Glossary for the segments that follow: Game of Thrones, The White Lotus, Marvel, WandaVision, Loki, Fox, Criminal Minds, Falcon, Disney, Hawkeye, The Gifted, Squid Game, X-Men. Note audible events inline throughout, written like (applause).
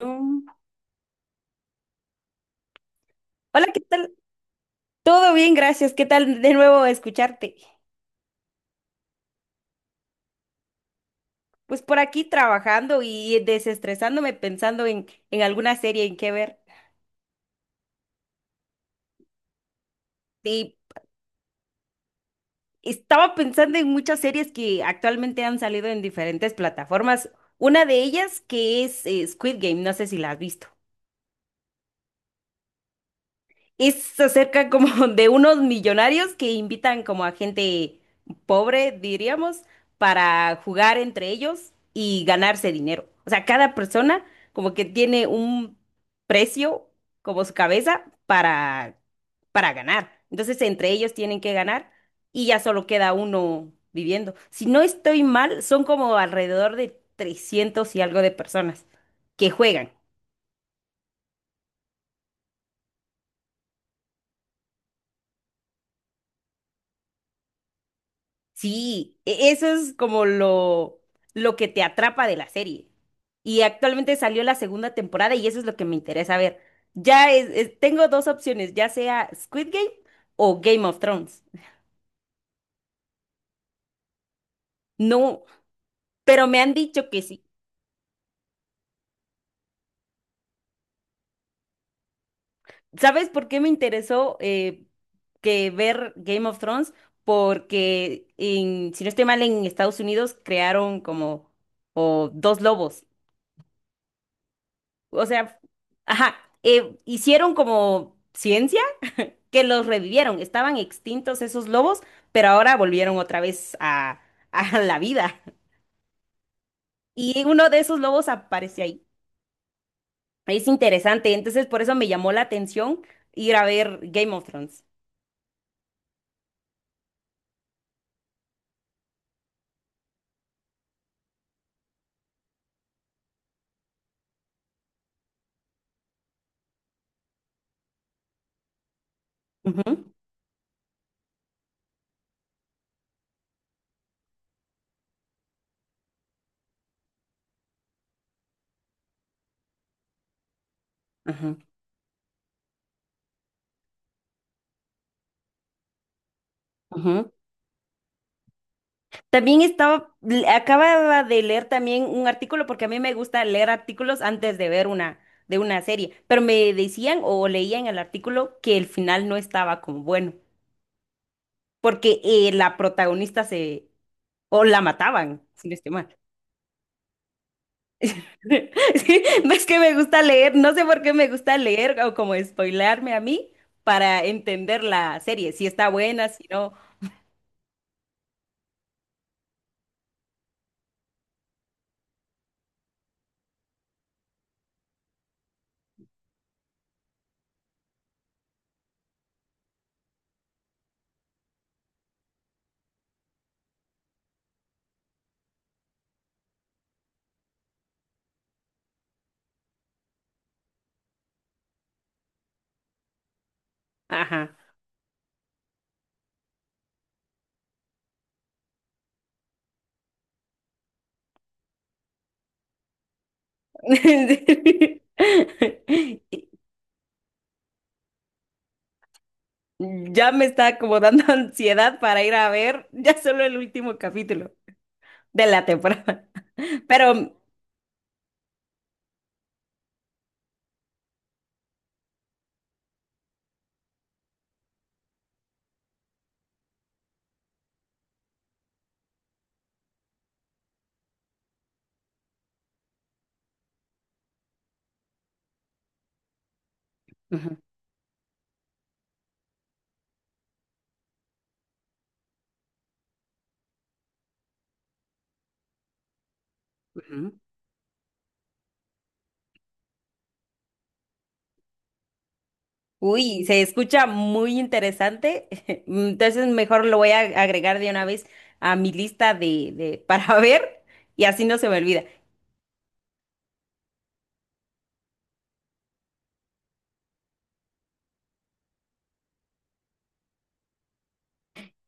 Mm. Hola, ¿qué tal? Todo bien, gracias. ¿Qué tal de nuevo escucharte? Pues por aquí trabajando y desestresándome pensando en alguna serie en qué ver. Y estaba pensando en muchas series que actualmente han salido en diferentes plataformas. Una de ellas que es Squid Game, no sé si la has visto. Es acerca como (laughs) de unos millonarios que invitan como a gente pobre, diríamos, para jugar entre ellos y ganarse dinero. O sea, cada persona como que tiene un precio como su cabeza para ganar. Entonces, entre ellos tienen que ganar y ya solo queda uno viviendo. Si no estoy mal, son como alrededor de 300 y algo de personas que juegan. Sí, eso es como lo que te atrapa de la serie. Y actualmente salió la segunda temporada y eso es lo que me interesa ver. Ya tengo dos opciones, ya sea Squid Game o Game of Thrones. No, pero me han dicho que sí. ¿Sabes por qué me interesó que ver Game of Thrones? Porque si no estoy mal, en Estados Unidos crearon como o dos lobos. O sea, ajá, hicieron como ciencia que los revivieron. Estaban extintos esos lobos, pero ahora volvieron otra vez a la vida. Y uno de esos lobos aparece ahí. Es interesante, entonces por eso me llamó la atención ir a ver Game of Thrones. Ujú, ujú, ujú. También estaba, acababa de leer también un artículo, porque a mí me gusta leer artículos antes de ver de una serie, pero me decían o leía en el artículo que el final no estaba como bueno, porque la protagonista se, o la mataban, si no estoy mal. (laughs) Sí, ves que me gusta leer, no sé por qué me gusta leer o como spoilearme a mí para entender la serie, si está buena, si no. Ajá. (laughs) Ya me está como dando (laughs) ansiedad para ir a ver ya solo el último capítulo de la temporada. Pero... Ujú, ujú. Uy, se escucha muy interesante. (laughs) Entonces mejor lo voy a agregar de una vez a mi lista de para (laughs) ver y así no se me olvida.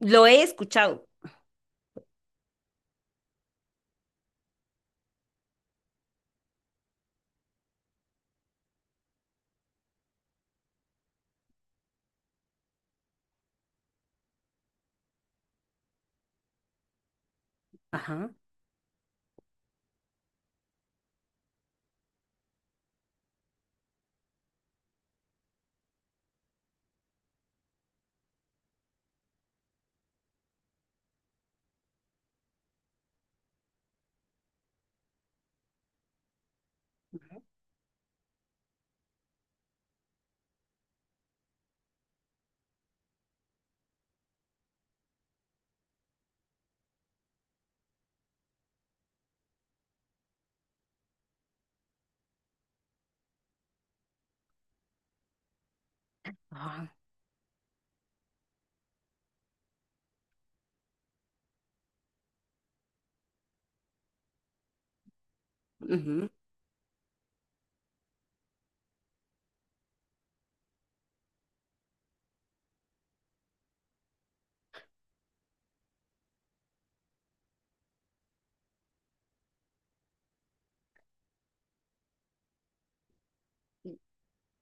Lo he escuchado. Ajá, ajá, ujú,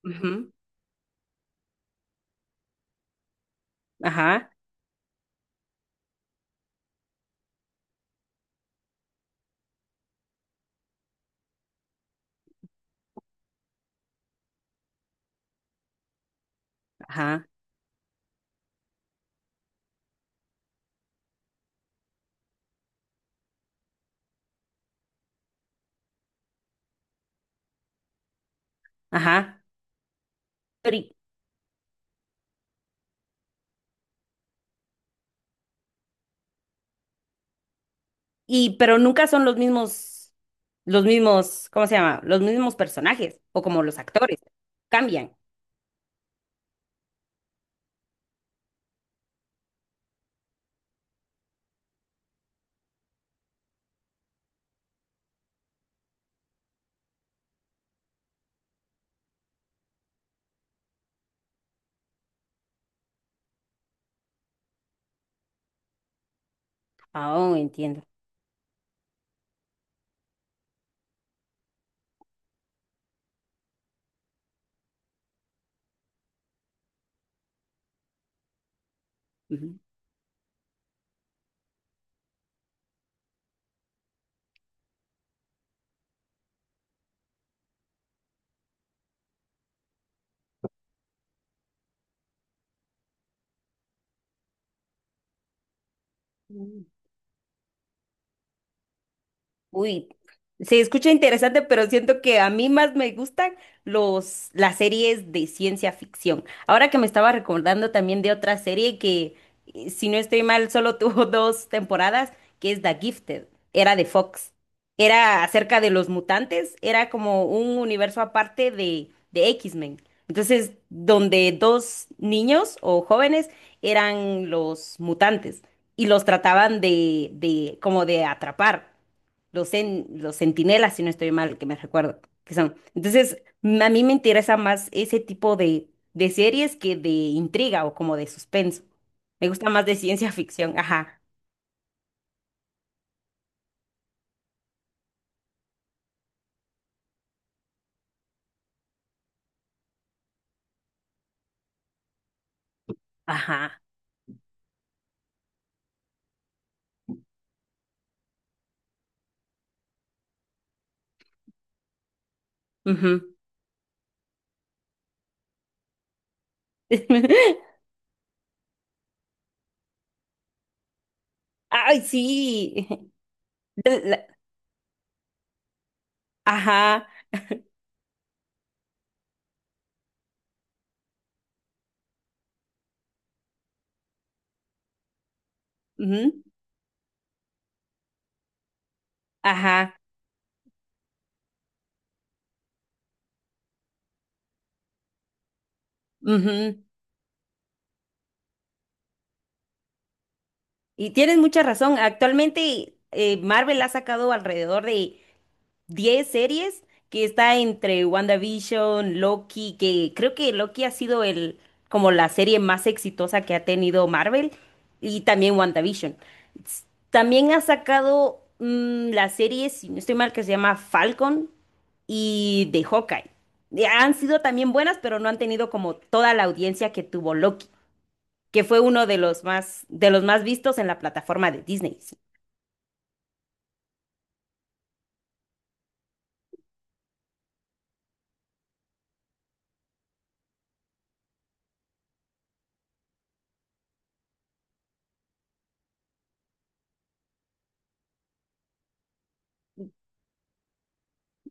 ujú, (laughs) ajá, ajá, ajá. Pero pero nunca son los mismos, ¿cómo se llama? Los mismos personajes o como los actores. Cambian. Ah, oh, entiendo. Ujú. Uy, se escucha interesante, pero siento que a mí más me gustan las series de ciencia ficción. Ahora que me estaba recordando también de otra serie si no estoy mal, solo tuvo (laughs) dos temporadas, que es The Gifted. Era de Fox. Era acerca de los mutantes, era como un universo aparte de X-Men. Entonces, donde dos niños o jóvenes eran los mutantes y los trataban de como de atrapar los, en, los centinelas, si no estoy mal, que me recuerdo que son. Entonces, a mí me interesa más ese tipo de series que de intriga o como de suspenso. Me gusta más de ciencia ficción, ajá, ajá. Ujú. (laughs) Ay, sí. La- la- Ajá, ujú, ajá, ujú. Y tienes mucha razón. Actualmente Marvel ha sacado alrededor de 10 series que está entre WandaVision, Loki, que creo que Loki ha sido el como la serie más exitosa que ha tenido Marvel y también WandaVision. S- También ha sacado la serie, si no estoy mal, que se llama Falcon y de Hawkeye. Y han sido también buenas, pero no han tenido como toda la audiencia que tuvo Loki, que fue uno de los más vistos en la plataforma de Disney. Sí.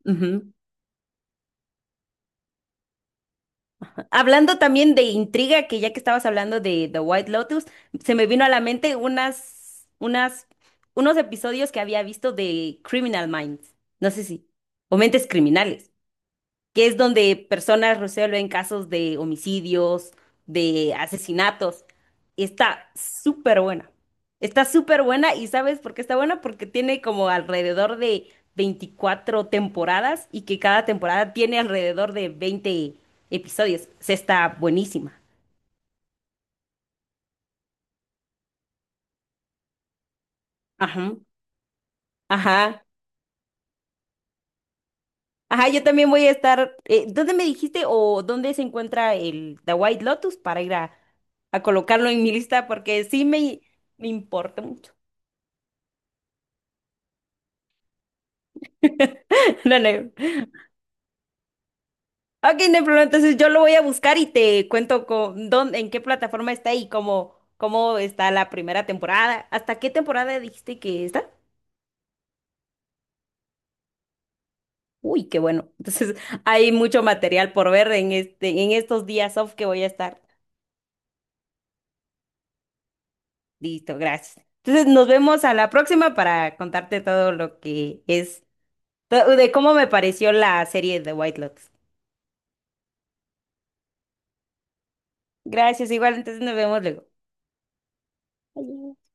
Ujú. Hablando también de intriga, que ya que estabas hablando de The White Lotus, se me vino a la mente unas, unas, unos episodios que había visto de Criminal Minds. No sé si, o Mentes Criminales que es donde personas resuelven casos de homicidios, de asesinatos. Está súper buena. Está súper buena y ¿sabes por qué está buena? Porque tiene como alrededor de 24 temporadas y que cada temporada tiene alrededor de 20 episodios. Se está buenísima. Ajá, ajá. Ajá, yo también voy a estar. ¿Dónde me dijiste o dónde se encuentra el The White Lotus para ir a colocarlo en mi lista? Porque sí me importa mucho. (laughs) Dale. Ok, no hay problema. Entonces yo lo voy a buscar y te cuento con dónde, en qué plataforma está y cómo está la primera temporada. ¿Hasta qué temporada dijiste que está? Uy, qué bueno. (laughs) Entonces hay mucho material por ver en este, en estos días off que voy a estar. Listo, gracias. Entonces nos vemos a la próxima para contarte todo lo que es, de cómo me pareció la serie de White Lotus. Gracias, igual, entonces nos vemos luego. Adiós.